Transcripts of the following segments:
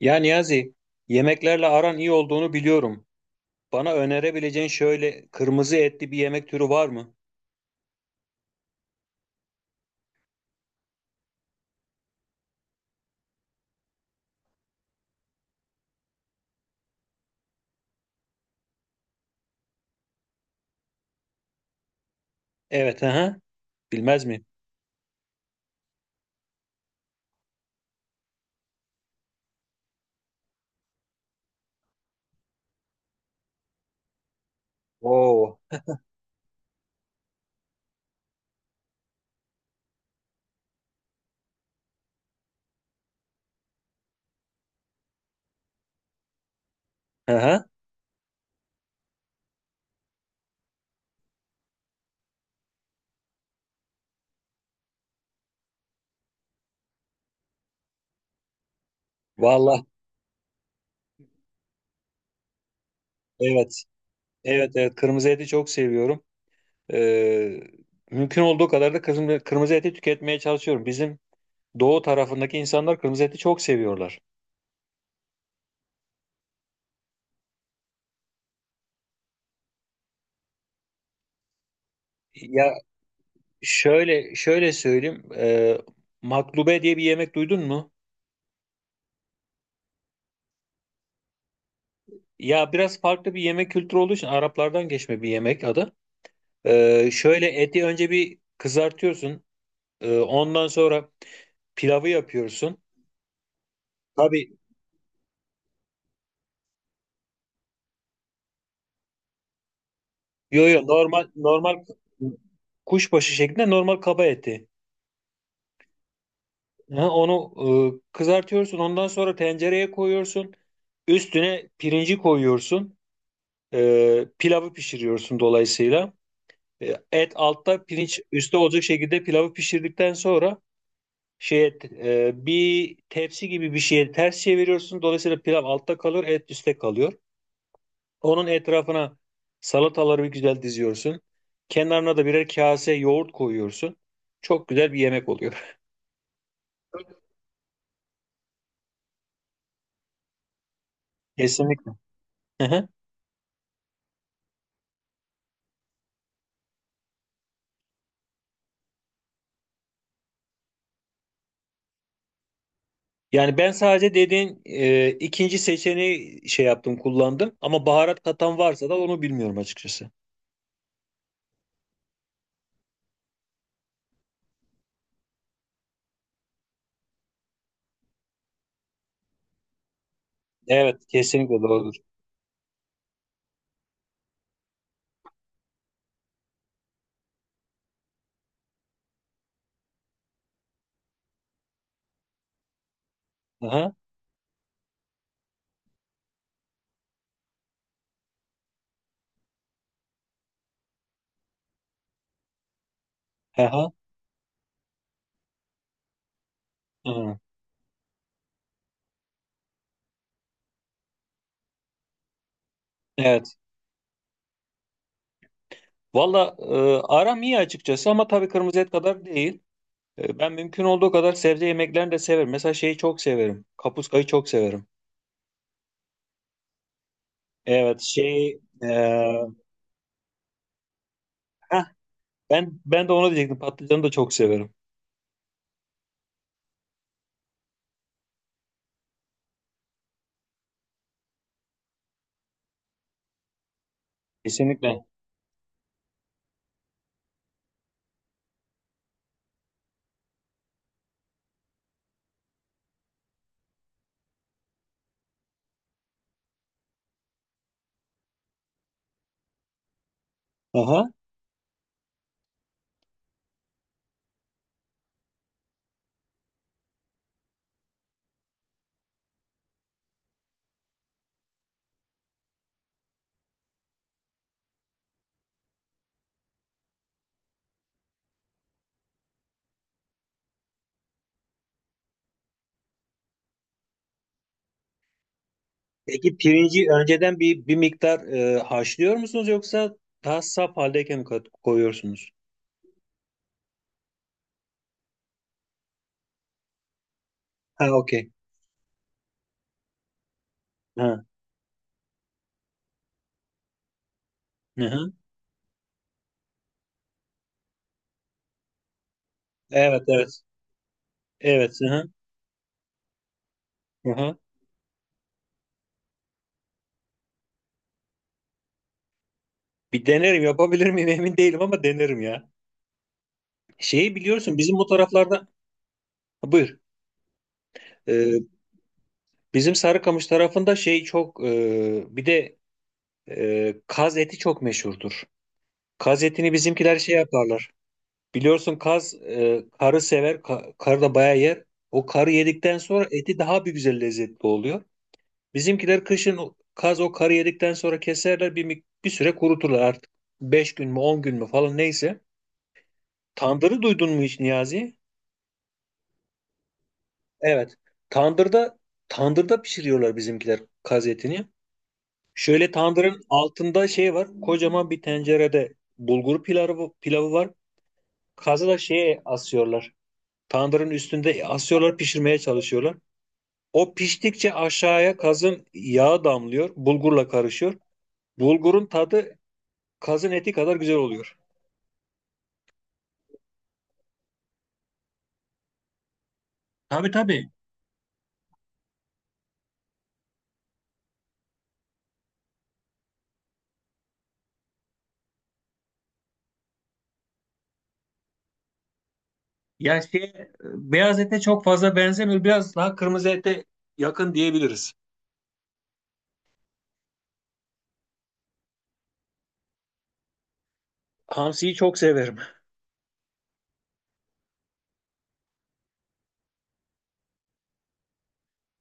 Ya Niyazi, yemeklerle aran iyi olduğunu biliyorum. Bana önerebileceğin şöyle kırmızı etli bir yemek türü var mı? Evet, aha. Bilmez mi? Oo, aha. Vallahi evet. Evet, evet. Kırmızı eti çok seviyorum. Ee, Mümkün olduğu kadar da kırmızı eti tüketmeye çalışıyorum. Bizim doğu tarafındaki insanlar kırmızı eti çok seviyorlar. Ya şöyle şöyle söyleyeyim. Maklube diye bir yemek duydun mu? Ya biraz farklı bir yemek kültürü olduğu için Araplardan geçme bir yemek adı. Şöyle eti önce bir kızartıyorsun. Ondan sonra pilavı yapıyorsun. Tabii, yo yo, normal normal kuşbaşı şeklinde normal kaba eti. Ha, onu kızartıyorsun. Ondan sonra tencereye koyuyorsun. Üstüne pirinci koyuyorsun. Pilavı pişiriyorsun dolayısıyla. Et altta pirinç üstte olacak şekilde pilavı pişirdikten sonra şey et, bir tepsi gibi bir şeye ters çeviriyorsun. Dolayısıyla pilav altta kalır, et üstte kalıyor. Onun etrafına salataları bir güzel diziyorsun. Kenarına da birer kase yoğurt koyuyorsun. Çok güzel bir yemek oluyor. Kesinlikle. Hı hı. Yani ben sadece dediğin ikinci seçeneği şey yaptım, kullandım. Ama baharat katan varsa da onu bilmiyorum açıkçası. Evet, kesinlikle doğrudur. Aha, aha, aha. Evet. Valla aram iyi açıkçası ama tabii kırmızı et kadar değil. Ben mümkün olduğu kadar sebze yemeklerini de severim. Mesela şeyi çok severim. Kapuskayı çok severim. Evet şey, heh, ben de onu diyecektim. Patlıcanı da çok severim. Kesinlikle. Aha. Peki pirinci önceden bir miktar haşlıyor musunuz yoksa daha saf haldeyken mi koyuyorsunuz? Ha, okey. Ha. Hı-hı. Evet evet. Evet. Hı-hı. Hı-hı. Bir denerim, yapabilir miyim emin değilim ama denerim ya. Şeyi biliyorsun bizim bu taraflarda. Ha, buyur. E, Bizim Sarıkamış tarafında şey çok, bir de kaz eti çok meşhurdur. Kaz etini bizimkiler şey yaparlar. Biliyorsun kaz, karı sever. Karı da bayağı yer. O karı yedikten sonra eti daha bir güzel lezzetli oluyor. Bizimkiler kışın kaz o karı yedikten sonra keserler, bir süre kuruturlar artık. 5 gün mü 10 gün mü falan neyse. Tandırı duydun mu hiç Niyazi? Evet. Tandırda pişiriyorlar bizimkiler kaz etini. Şöyle tandırın altında şey var. Kocaman bir tencerede bulgur pilavı var. Kazı da şeye asıyorlar. Tandırın üstünde asıyorlar, pişirmeye çalışıyorlar. O piştikçe aşağıya kazın yağı damlıyor, bulgurla karışıyor. Bulgurun tadı kazın eti kadar güzel oluyor. Tabii tabii. Ya şey, beyaz ete çok fazla benzemiyor. Biraz daha kırmızı ete yakın diyebiliriz. Hamsiyi çok severim.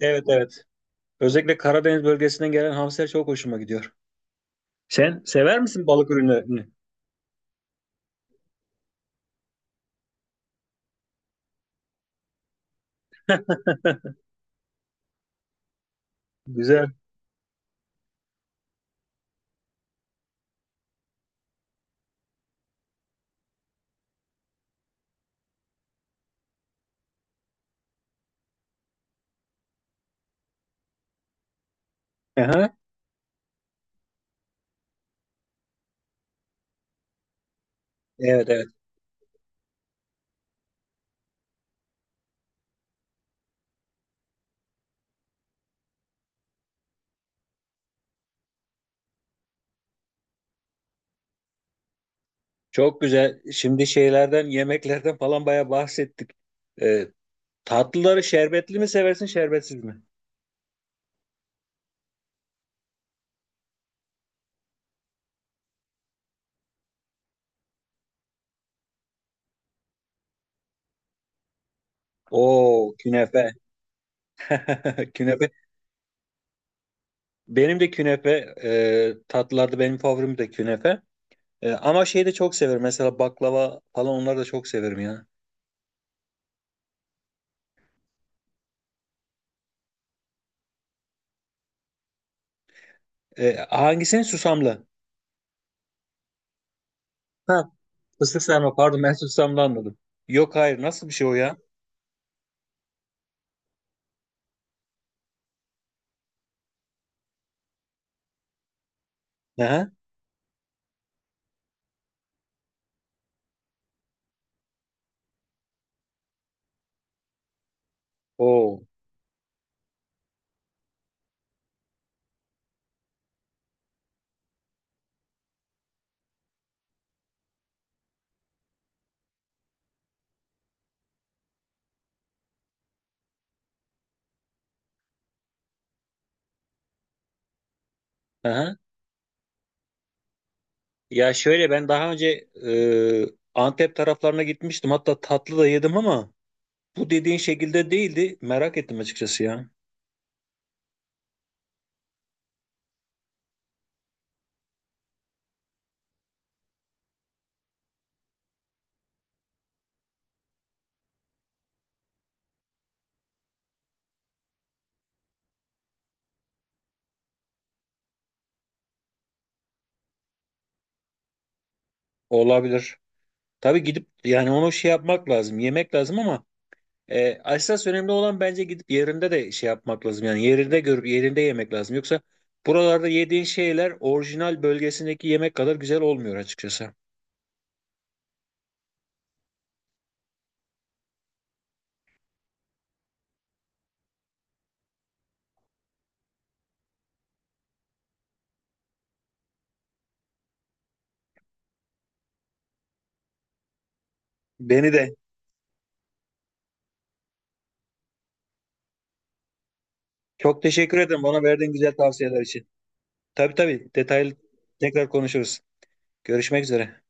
Evet evet. Özellikle Karadeniz bölgesinden gelen hamsiler çok hoşuma gidiyor. Sen sever misin balık ürünlerini? Güzel. Aha. Evet evet. Çok güzel. Şimdi şeylerden, yemeklerden falan bayağı bahsettik. Ee, Tatlıları şerbetli mi seversin, şerbetsiz mi? Oo, künefe. Künefe. Benim de künefe. Tatlılarda benim favorim de künefe. E, ama şeyi de çok severim. Mesela baklava falan, onları da çok severim ya. E, hangisini? Susamlı. Ha, fıstık sarma. Pardon, ben susamlı anladım. Yok, hayır. Nasıl bir şey o ya? Aha. Oo. Aha. Ya şöyle, ben daha önce e, Antep taraflarına gitmiştim. Hatta tatlı da yedim ama bu dediğin şekilde değildi. Merak ettim açıkçası ya. Olabilir. Tabii gidip yani onu şey yapmak lazım, yemek lazım ama esas önemli olan bence gidip yerinde de şey yapmak lazım. Yani yerinde görüp yerinde yemek lazım. Yoksa buralarda yediğin şeyler orijinal bölgesindeki yemek kadar güzel olmuyor açıkçası. Beni de. Çok teşekkür ederim bana verdiğin güzel tavsiyeler için. Tabii tabii, detaylı tekrar konuşuruz. Görüşmek üzere.